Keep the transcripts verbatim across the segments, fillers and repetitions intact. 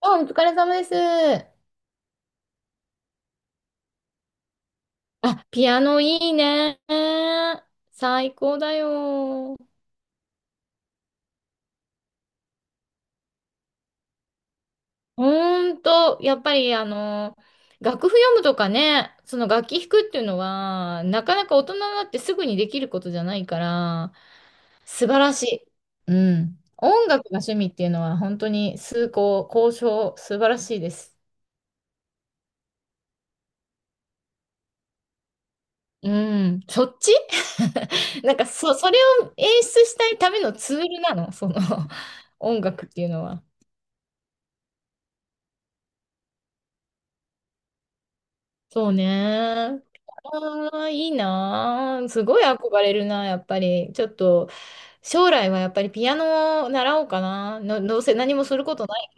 あ、お疲れ様です。あ、ピアノいいね。最高だよ。ほんと、やっぱりあの、楽譜読むとかね、その楽器弾くっていうのは、なかなか大人になってすぐにできることじゃないから、素晴らしい。うん。音楽が趣味っていうのは本当に崇高、高尚、素晴らしいです。うん。そっち。 なんかそ、それを演出したいためのツールなの、その、 音楽っていうのは。そうね。ああ、いいなあ。すごい憧れるな、やっぱり。ちょっと、将来はやっぱりピアノを習おうかな。の、どうせ何もすることない。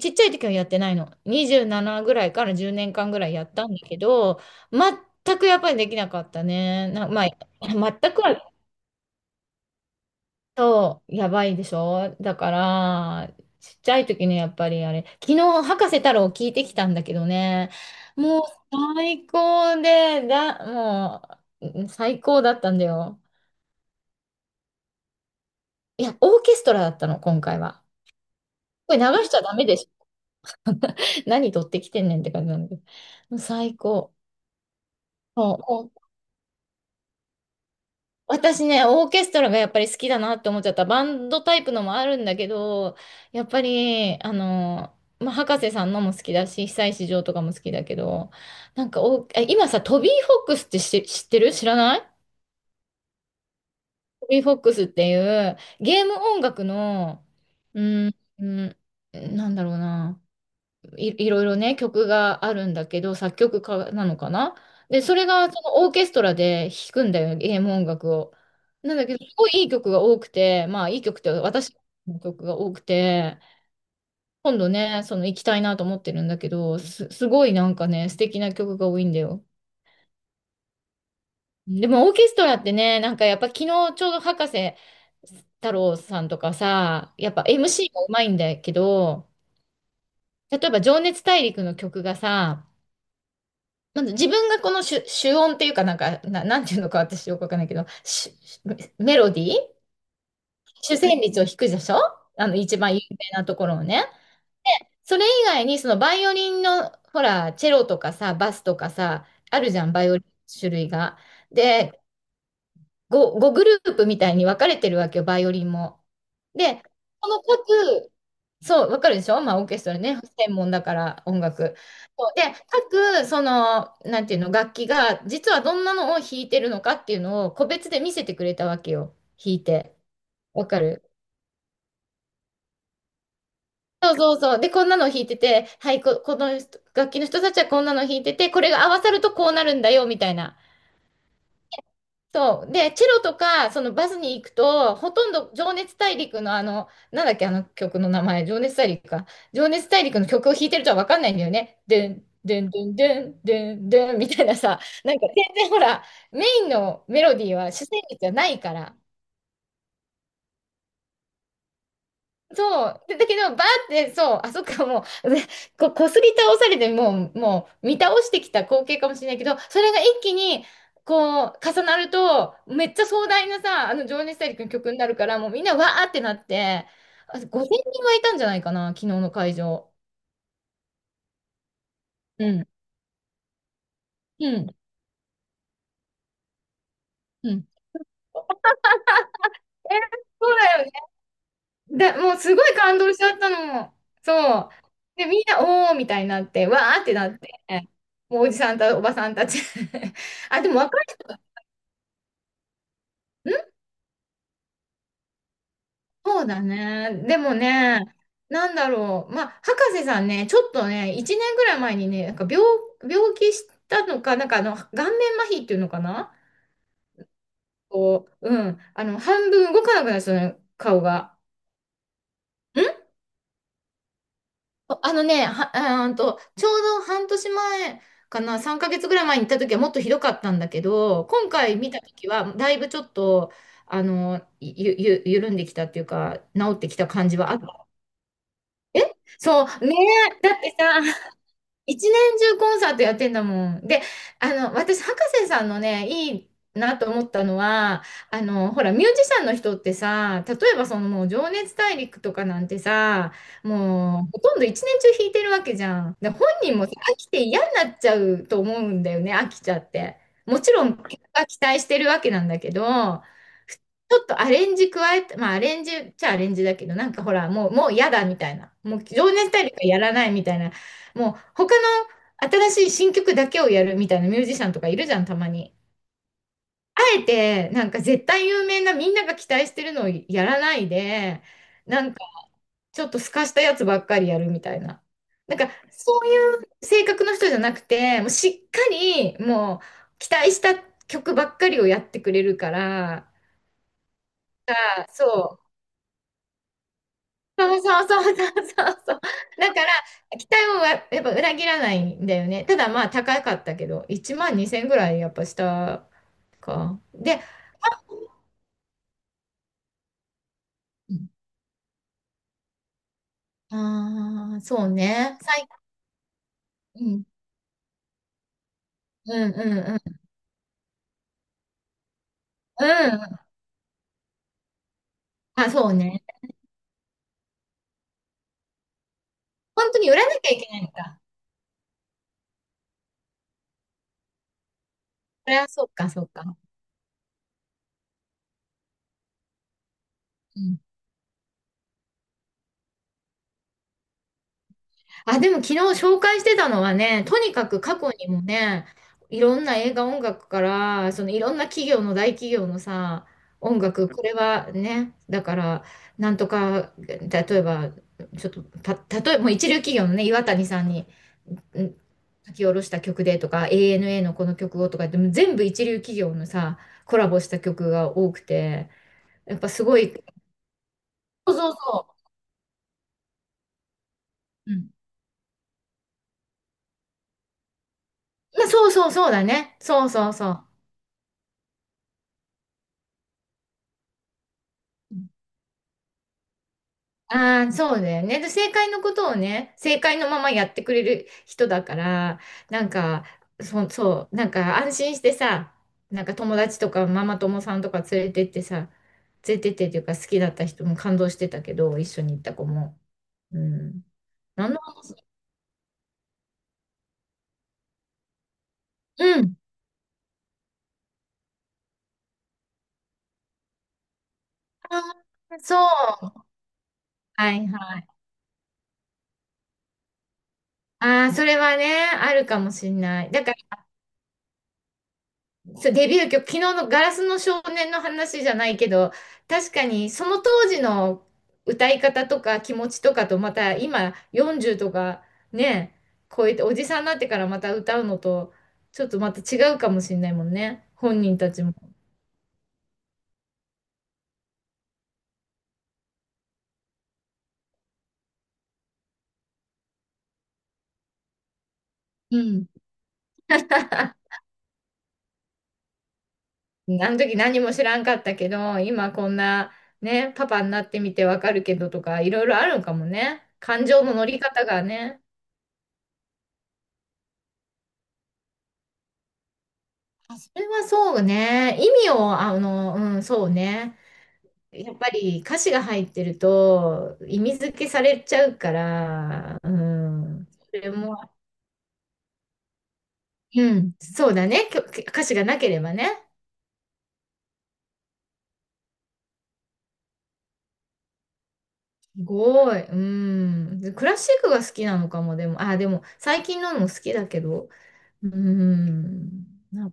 ちっちゃい時はやってないの。にじゅうななぐらいからじゅうねんかんぐらいやったんだけど、全くやっぱりできなかったね。な、まあ、全くは。そう、やばいでしょだから、ちっちゃい時ね、やっぱりあれ、昨日、博士太郎聞いてきたんだけどね、もう最高で、だ、もう、うん最高だったんだよ。いや、オーケストラだったの、今回は。これ流しちゃダメでしょ。何撮ってきてんねんって感じなんだけど。もう最高。そう、私ね、オーケストラがやっぱり好きだなって思っちゃった。バンドタイプのもあるんだけど、やっぱり、あの、まあ、博士さんのも好きだし、久石譲とかも好きだけど、なんかお、え今さ、トビー・フォックスって知、知ってる知らない？トビー・フォックスっていうゲーム音楽の、うーん、うん、なんだろうな。い、いろいろね、曲があるんだけど、作曲家なのかな。で、それがそのオーケストラで弾くんだよ、ゲーム音楽を。なんだけど、すごいいい曲が多くて、まあいい曲って私の曲が多くて、今度ね、その行きたいなと思ってるんだけど、す、すごいなんかね、素敵な曲が多いんだよ。でもオーケストラってね、なんかやっぱ昨日ちょうど博士太郎さんとかさ、やっぱ エムシー もうまいんだけど、例えば情熱大陸の曲がさ、まず自分がこの主、主音っていうかなんか、な、なんていうのか私よくわかんないけど、しメロディー主旋律を弾くでしょ、あの一番有名なところをね。それ以外にそのバイオリンのほら、チェロとかさ、バスとかさ、あるじゃん、バイオリンの種類が。で、ご、ごグループみたいに分かれてるわけよ、バイオリンも。で、この各そう、わかるでしょ、まあ、オーケストラね、専門だから音楽。そうで、各、その、なんていうの、楽器が、実はどんなのを弾いてるのかっていうのを、個別で見せてくれたわけよ、弾いて。わかる？そうそうそう。で、こんなの弾いてて、はい、こ、この人楽器の人たちはこんなの弾いてて、これが合わさるとこうなるんだよ、みたいな。そう。で、チェロとか、そのバスに行くと、ほとんど情熱大陸のあの、なんだっけ、あの曲の名前、情熱大陸か。情熱大陸の曲を弾いてるとは分かんないんだよね。でん、でん、でん、でん、でん、でん、みたいなさ、なんか全然ほら、メインのメロディーは主旋律じゃないから、そう。でだけど、バーって、そう、あ、そっか、もう、でこ、こすり倒されて、もう、もう、見倒してきた光景かもしれないけど、それが一気に、こう、重なると、めっちゃ壮大なさ、あの、情熱大陸の曲になるから、もうみんなわーってなって、あごせんにんはいたんじゃないかな、昨日の会場。うん。うん。うん。えーそうだよね。だ、もうすごい感動しちゃったの。そう。で、みんな、おーみたいになって、わーってなって、もうおじさんたおばさんたち あ、でも若い人ん、そうだね。でもね、なんだろう。まあ、博士さんね、ちょっとね、いちねんぐらい前にね、なんか病、病気したのか、なんかあの、顔面麻痺っていうのかな。こう、うん。あの、半分動かなくなるんですよね、顔が。ん、あのね、は、あーんと、ちょうど半年前かな、さんかげつぐらい前に行った時はもっとひどかったんだけど、今回見た時は、だいぶちょっと、あの、ゆ、ゆ、緩んできたっていうか、治ってきた感じはあった。そう、ね。えだってさ、一年中コンサートやってんだもん。で、あの、私、博士さんのね、いいなと思ったのは、あの、ほら、ミュージシャンの人ってさ、例えばそのもう、情熱大陸とかなんてさ、もう、ほとんど一年中弾いてるわけじゃん。で、本人もさ飽きて嫌になっちゃうと思うんだよね、飽きちゃって。もちろん、結果期待してるわけなんだけど、ふちょっとアレンジ加えて、まあアレンジっちゃアレンジだけど、なんかほら、もう、もう嫌だみたいな。もう情熱大陸はやらないみたいな。もう他の新しい新曲だけをやるみたいなミュージシャンとかいるじゃん、たまに。あえて、なんか絶対有名なみんなが期待してるのをやらないで、なんかちょっとすかしたやつばっかりやるみたいな。なんかそういう性格の人じゃなくて、もうしっかりもう期待した曲ばっかりをやってくれるから、あそう。そうそうそうそうそうそう。だから、期待をややっぱ裏切らないんだよね。ただまあ高かったけど、いちまんにせんえんぐらいやっぱしたか。で、ああー、そうね。最、うん、うん、うん、うん。うん。あ、そうね。本当に売らなきゃいけないのか。それはそうか、そうか。うん、あ、でも昨日紹介してたのはね、とにかく過去にもね、いろんな映画音楽から、そのいろんな企業の大企業のさ、音楽、これはね、だから、なんとか、例えば、ちょっと、た、例えば、もう一流企業のね、岩谷さんに、うん、書き下ろした曲でとか、エーエヌエー のこの曲をとか言って、もう全部一流企業のさ、コラボした曲が多くて、やっぱすごい、そうそうそう、うん、まあ、そうそうそうだね、そうそうそう。ああ、そうだよね。で、正解のことをね、正解のままやってくれる人だから、なんか、そ、そう、なんか安心してさ、なんか友達とかママ友さんとか連れてってさ、連れてってっていうか好きだった人も感動してたけど、一緒に行った子も。うん。何の話？うん。ああ、そう。はいはい。ああ、それはね、あるかもしんない。だからそうデビュー曲、昨日のガラスの少年の話じゃないけど、確かにその当時の歌い方とか気持ちとかとまた今よんじゅうとかね、超えておじさんになってからまた歌うのとちょっとまた違うかもしれないもんね。本人たちも。うん。あの時何も知らんかったけど、今こんなね、パパになってみてわかるけどとかいろいろあるんかもね。感情の乗り方がね。あ、それはそうね。意味を、あの、うん、そうね。やっぱり歌詞が入ってると意味付けされちゃうから、うん、それも、うん、そうだね、きょ歌詞がなければね。すごい、うん。クラシックが好きなのかも、でも、あ、でも最近のも好きだけど、うん。な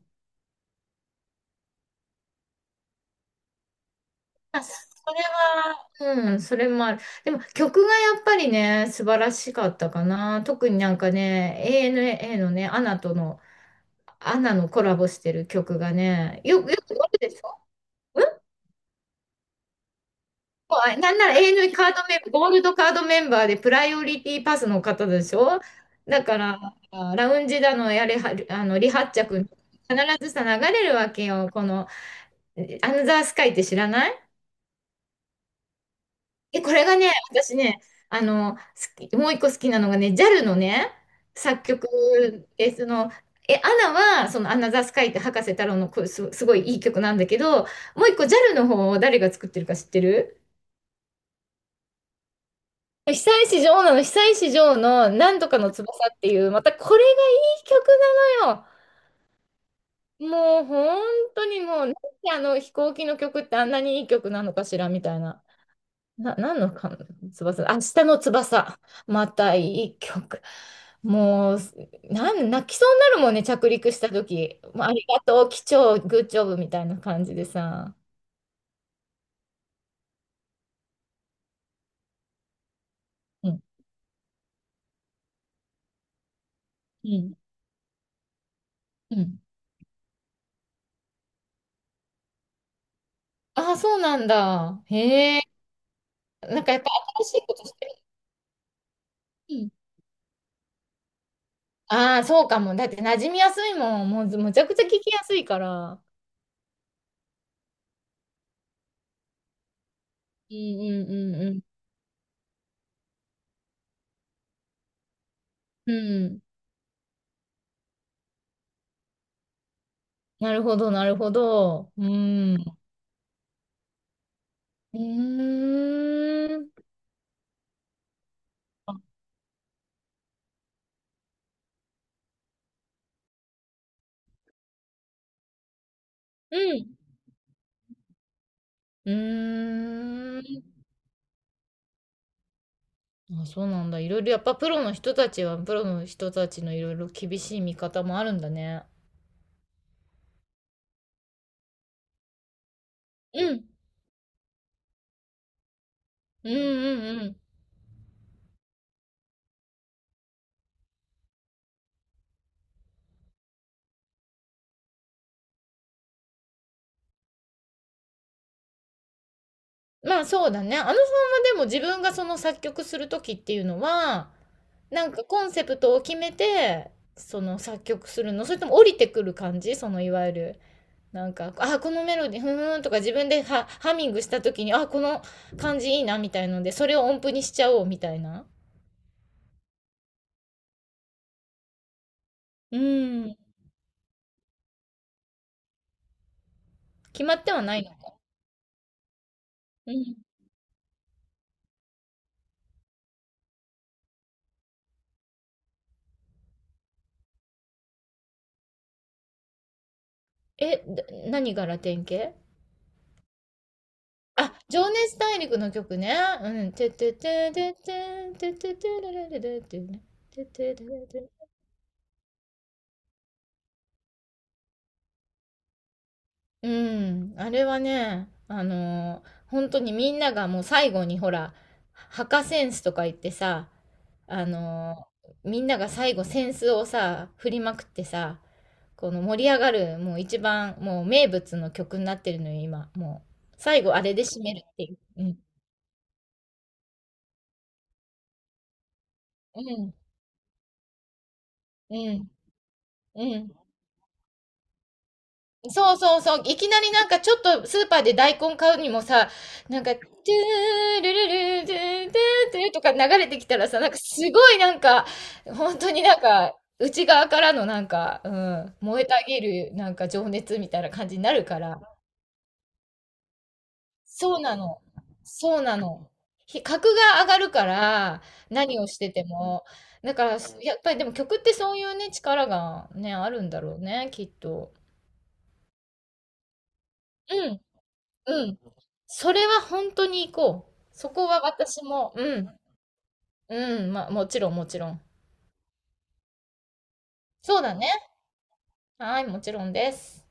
あそれは、うん、それもある。でも曲がやっぱりね、素晴らしかったかな。特になんかね、エーエヌエー のね、アナとの、アナのコラボしてる曲がね、よ、くよくあるでしょ？うん。もうなんなら永遠カードメンバー、ゴールドカードメンバーでプライオリティパスの方でしょ？だから、あ、ラウンジだの、やれは、あの、離発着、必ずさ、流れるわけよ。この、アナザースカイって知らない？え、これがね、私ね、あの、好き、もう一個好きなのがね、ジャル のね、作曲で、その、え、アナは、その、アナザースカイって葉加瀬太郎のこす、すごいいい曲なんだけど、もう一個 ジャル の方を誰が作ってるか知ってる？久石譲なの、久石譲のなんとかの翼っていう、またこれがいい曲なのよ。もう本当にもう、なんであの飛行機の曲ってあんなにいい曲なのかしらみたいな。な、何のか、翼、明日の翼。またいい曲。もう、なん、泣きそうになるもんね、着陸した時。もうありがとう、機長、グッジョブみたいな感じでさ。うん、うん、うん。ああ、そうなんだ。へえ。なんかやっぱ新しいことしてる。ああ、そうかも。だって馴染みやすいもん。もうずむちゃくちゃ聞きやすいから。うんうんうんうん。うん。なるほど、なるほど。うん。うーん。あ、うん。うーん。あ、そうなんだ。いろいろやっぱプロの人たちは、プロの人たちのいろいろ厳しい見方もあるんだね。うん。うんうんうん。まあ、そうだね。あのさんはでも自分がその作曲する時っていうのは、なんかコンセプトを決めて、その作曲するの？それとも降りてくる感じ？そのいわゆる、なんか、あ、このメロディー、ふーんとか自分でハ、ハミングした時に、あ、この感じいいなみたいので、それを音符にしちゃおうみたいな。うん。決まってはないの？うん。え、だ何がラテン系？あ、情熱大陸の曲ね。うん。ててててててててれれれれっていうね。ててててて。うん。あれはね、あのー本当にみんながもう最後にほら、墓センスとか言ってさ、あのーみんなが最後センスをさ、振りまくってさ、この盛り上がる、もう一番、もう名物の曲になってるのよ、今。もう、最後あれで締めるっていう。うん。うん。うん。うん。そうそうそう。いきなりなんかちょっとスーパーで大根買うにもさ、なんか、トゥールルルトゥートゥートゥーとか流れてきたらさ、なんかすごいなんか、本当になんか、内側からのなんか、うん、燃えたぎるなんか情熱みたいな感じになるから。そうなの。そうなの。ひ格が上がるから、何をしてても。だから、やっぱりでも曲ってそういうね、力がね、あるんだろうね、きっと。うん、うん。それは本当に行こう。そこは私も、うん、うん、まあ、もちろん、もちろん。そうだね。はい、もちろんです。